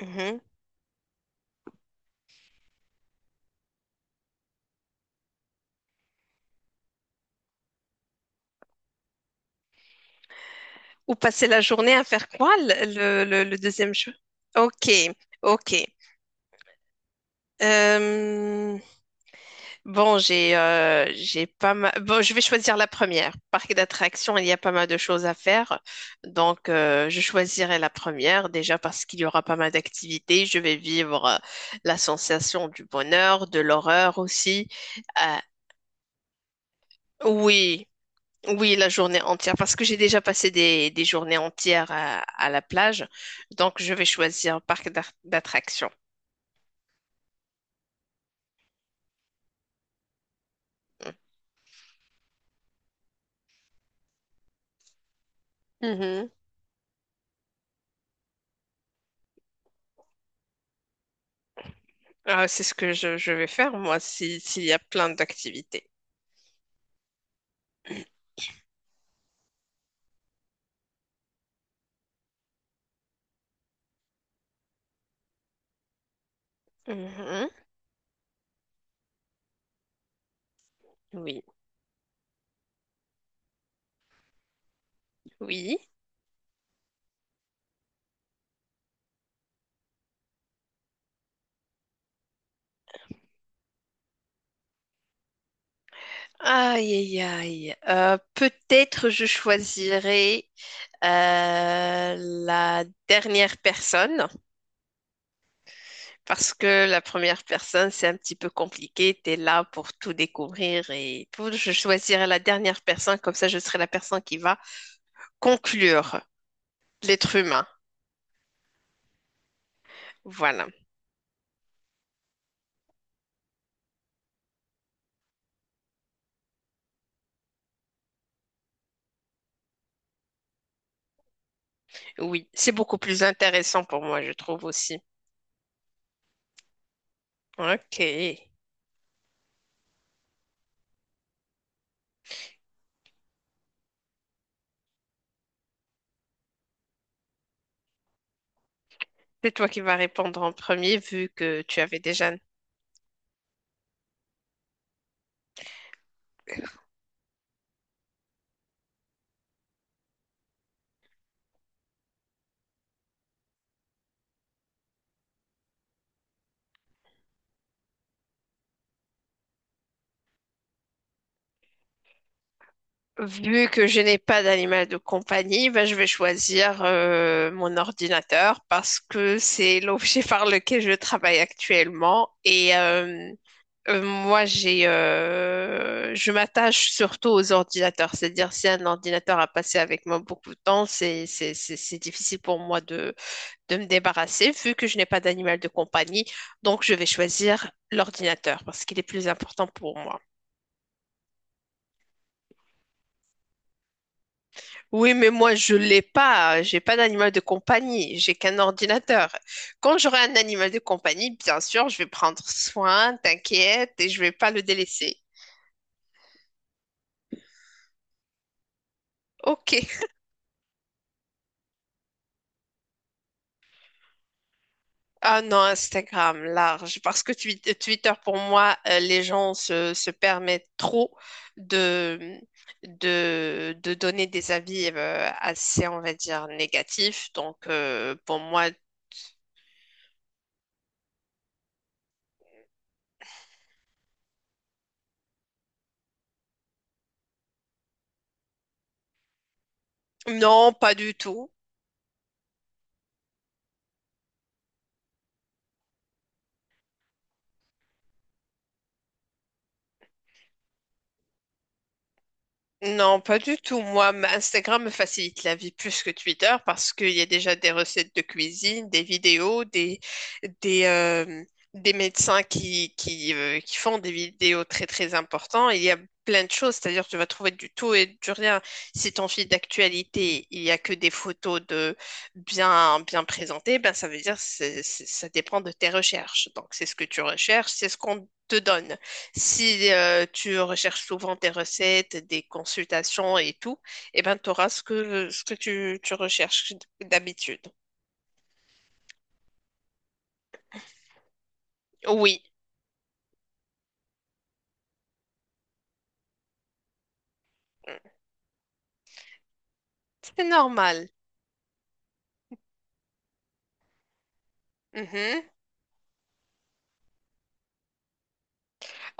Mhm. Ou passer la journée à faire quoi, le deuxième jeu? Ok, ok. Euh, bon, j'ai pas mal. Bon, je vais choisir la première. Parc d'attractions, il y a pas mal de choses à faire. Donc, je choisirai la première déjà parce qu'il y aura pas mal d'activités. Je vais vivre la sensation du bonheur, de l'horreur aussi. Euh, oui. Oui, la journée entière, parce que j'ai déjà passé des journées entières à la plage, donc je vais choisir un parc d'attractions. Mm. Mhm. Ah, c'est ce que je vais faire, moi, si, s'il y a plein d'activités. Mhm. Oui, oui. Aïe, aïe, aïe. Peut-être je choisirai la dernière personne. Parce que la première personne, c'est un petit peu compliqué. Tu es là pour tout découvrir et tout. Je choisirai la dernière personne, comme ça je serai la personne qui va conclure l'être humain. Voilà. Oui, c'est beaucoup plus intéressant pour moi, je trouve aussi. Ok. C'est toi qui vas répondre en premier, vu que tu avais déjà... Vu que je n'ai pas d'animal de compagnie, ben, je vais choisir mon ordinateur parce que c'est l'objet par lequel je travaille actuellement Moi, je m'attache surtout aux ordinateurs. C'est-à-dire, si un ordinateur a passé avec moi beaucoup de temps, c'est difficile pour moi de me débarrasser, vu que je n'ai pas d'animal de compagnie. Donc, je vais choisir l'ordinateur parce qu'il est plus important pour moi. Oui, mais moi, je l'ai pas. J'ai pas d'animal de compagnie. J'ai qu'un ordinateur. Quand j'aurai un animal de compagnie, bien sûr, je vais prendre soin, t'inquiète, et je vais pas le délaisser. Ok. Ah non, Instagram, large. Parce que Twitter, pour moi, les gens se permettent trop de, de donner des avis assez, on va dire, négatifs. Donc, pour moi, non, pas du tout. Non, pas du tout. Moi, Instagram me facilite la vie plus que Twitter parce qu'il y a déjà des recettes de cuisine, des vidéos, des, euh, des médecins qui font des vidéos très très importantes. Il y a plein de choses, c'est-à-dire tu vas trouver du tout et du rien. Si ton fil d'actualité, il n'y a que des photos de bien, bien présentées, ben ça veut dire que ça dépend de tes recherches. Donc c'est ce que tu recherches, c'est ce qu'on te donne. Si tu recherches souvent tes recettes, des consultations et tout, eh ben, tu auras ce que tu recherches d'habitude. Oui, c'est normal. Mhm.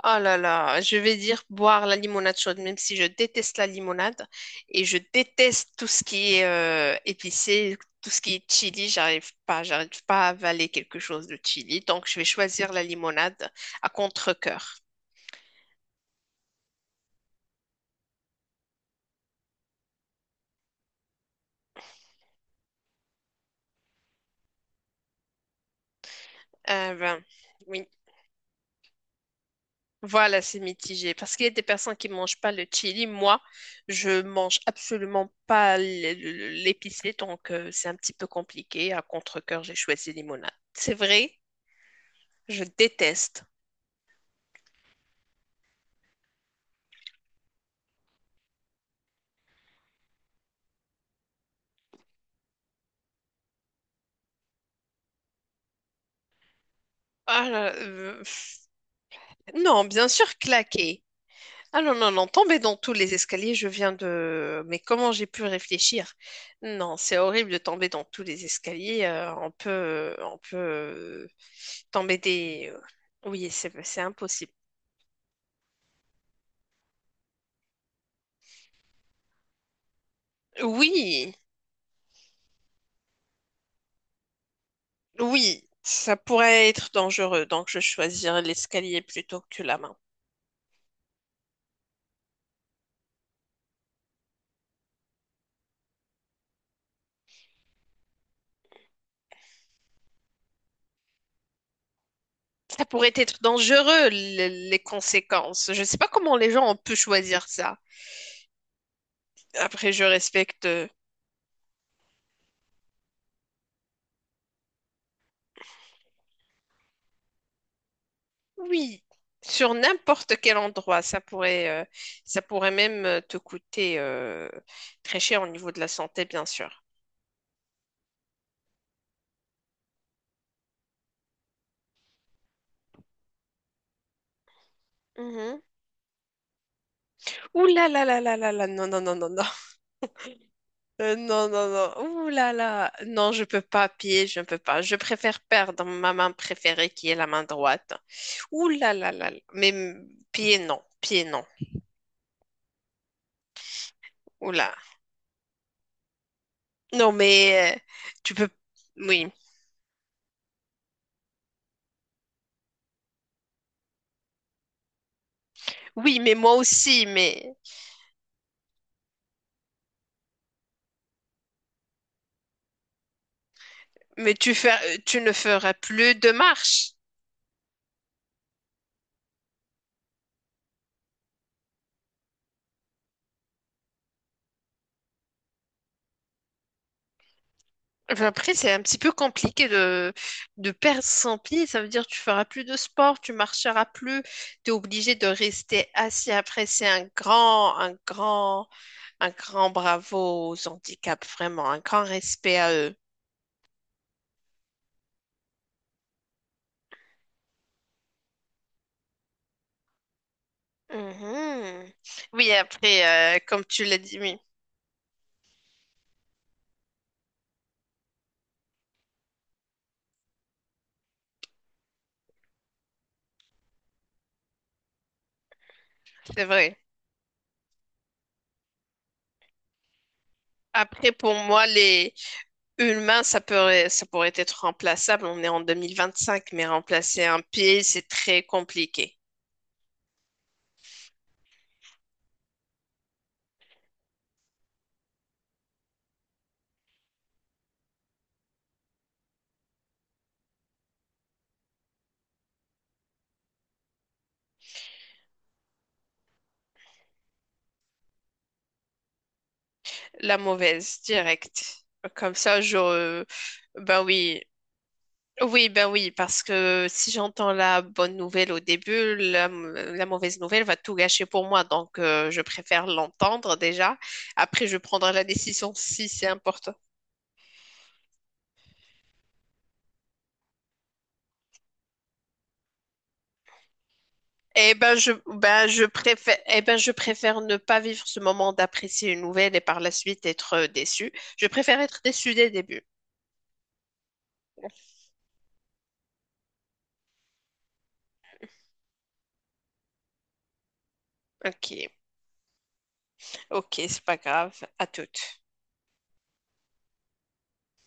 Oh là là, je vais dire boire la limonade chaude, même si je déteste la limonade et je déteste tout ce qui est épicé, tout ce qui est chili, j'arrive pas à avaler quelque chose de chili, donc je vais choisir la limonade à contre-cœur. Euh, ben, oui. Voilà, c'est mitigé. Parce qu'il y a des personnes qui ne mangent pas le chili. Moi, je mange absolument pas l'épicé, donc c'est un petit peu compliqué. À contre-cœur, j'ai choisi limonade. C'est vrai, je déteste. Ah là, pff. Non, bien sûr, claquer. Ah non, non, non, tomber dans tous les escaliers, je viens de... Mais comment j'ai pu réfléchir? Non, c'est horrible de tomber dans tous les escaliers. On peut tomber des... Oui, c'est impossible. Oui, oui, ça pourrait être dangereux, donc je choisirais l'escalier plutôt que la main. Ça pourrait être dangereux, les conséquences. Je ne sais pas comment les gens ont pu choisir ça. Après, je respecte. Oui, sur n'importe quel endroit, ça pourrait même te coûter très cher au niveau de la santé, bien sûr. Mhm. Ouh là là là là là là, non, non, non, non, non. Non, non, non. Ouh là là. Non, je peux pas pied, je ne peux pas. Je préfère perdre ma main préférée qui est la main droite. Ouh là là là. Là. Mais mm, pied, non. Pied, non. Ouh là. Non, mais tu peux. Oui. Oui, mais moi aussi. Mais tu tu ne feras plus de marche. Enfin, après, c'est un petit peu compliqué de perdre son pied. Ça veut dire que tu feras plus de sport, tu marcheras plus. Tu es obligé de rester assis. Après, c'est un grand. Un grand bravo aux handicaps, vraiment, un grand respect à eux. Mhm. Oui, après, comme tu l'as dit, oui, c'est vrai. Après, pour moi, les humains, ça pourrait être remplaçable. On est en 2025, mais remplacer un pied, c'est très compliqué. La mauvaise, directe. Comme ça, je... Ben oui, oui, ben oui, parce que si j'entends la bonne nouvelle au début, la mauvaise nouvelle va tout gâcher pour moi. Donc, je préfère l'entendre déjà. Après, je prendrai la décision si c'est important. Eh ben, je préfère ne pas vivre ce moment d'apprécier une nouvelle et par la suite être déçu. Je préfère être déçu dès le début. Ok, ok, c'est pas grave. À toutes.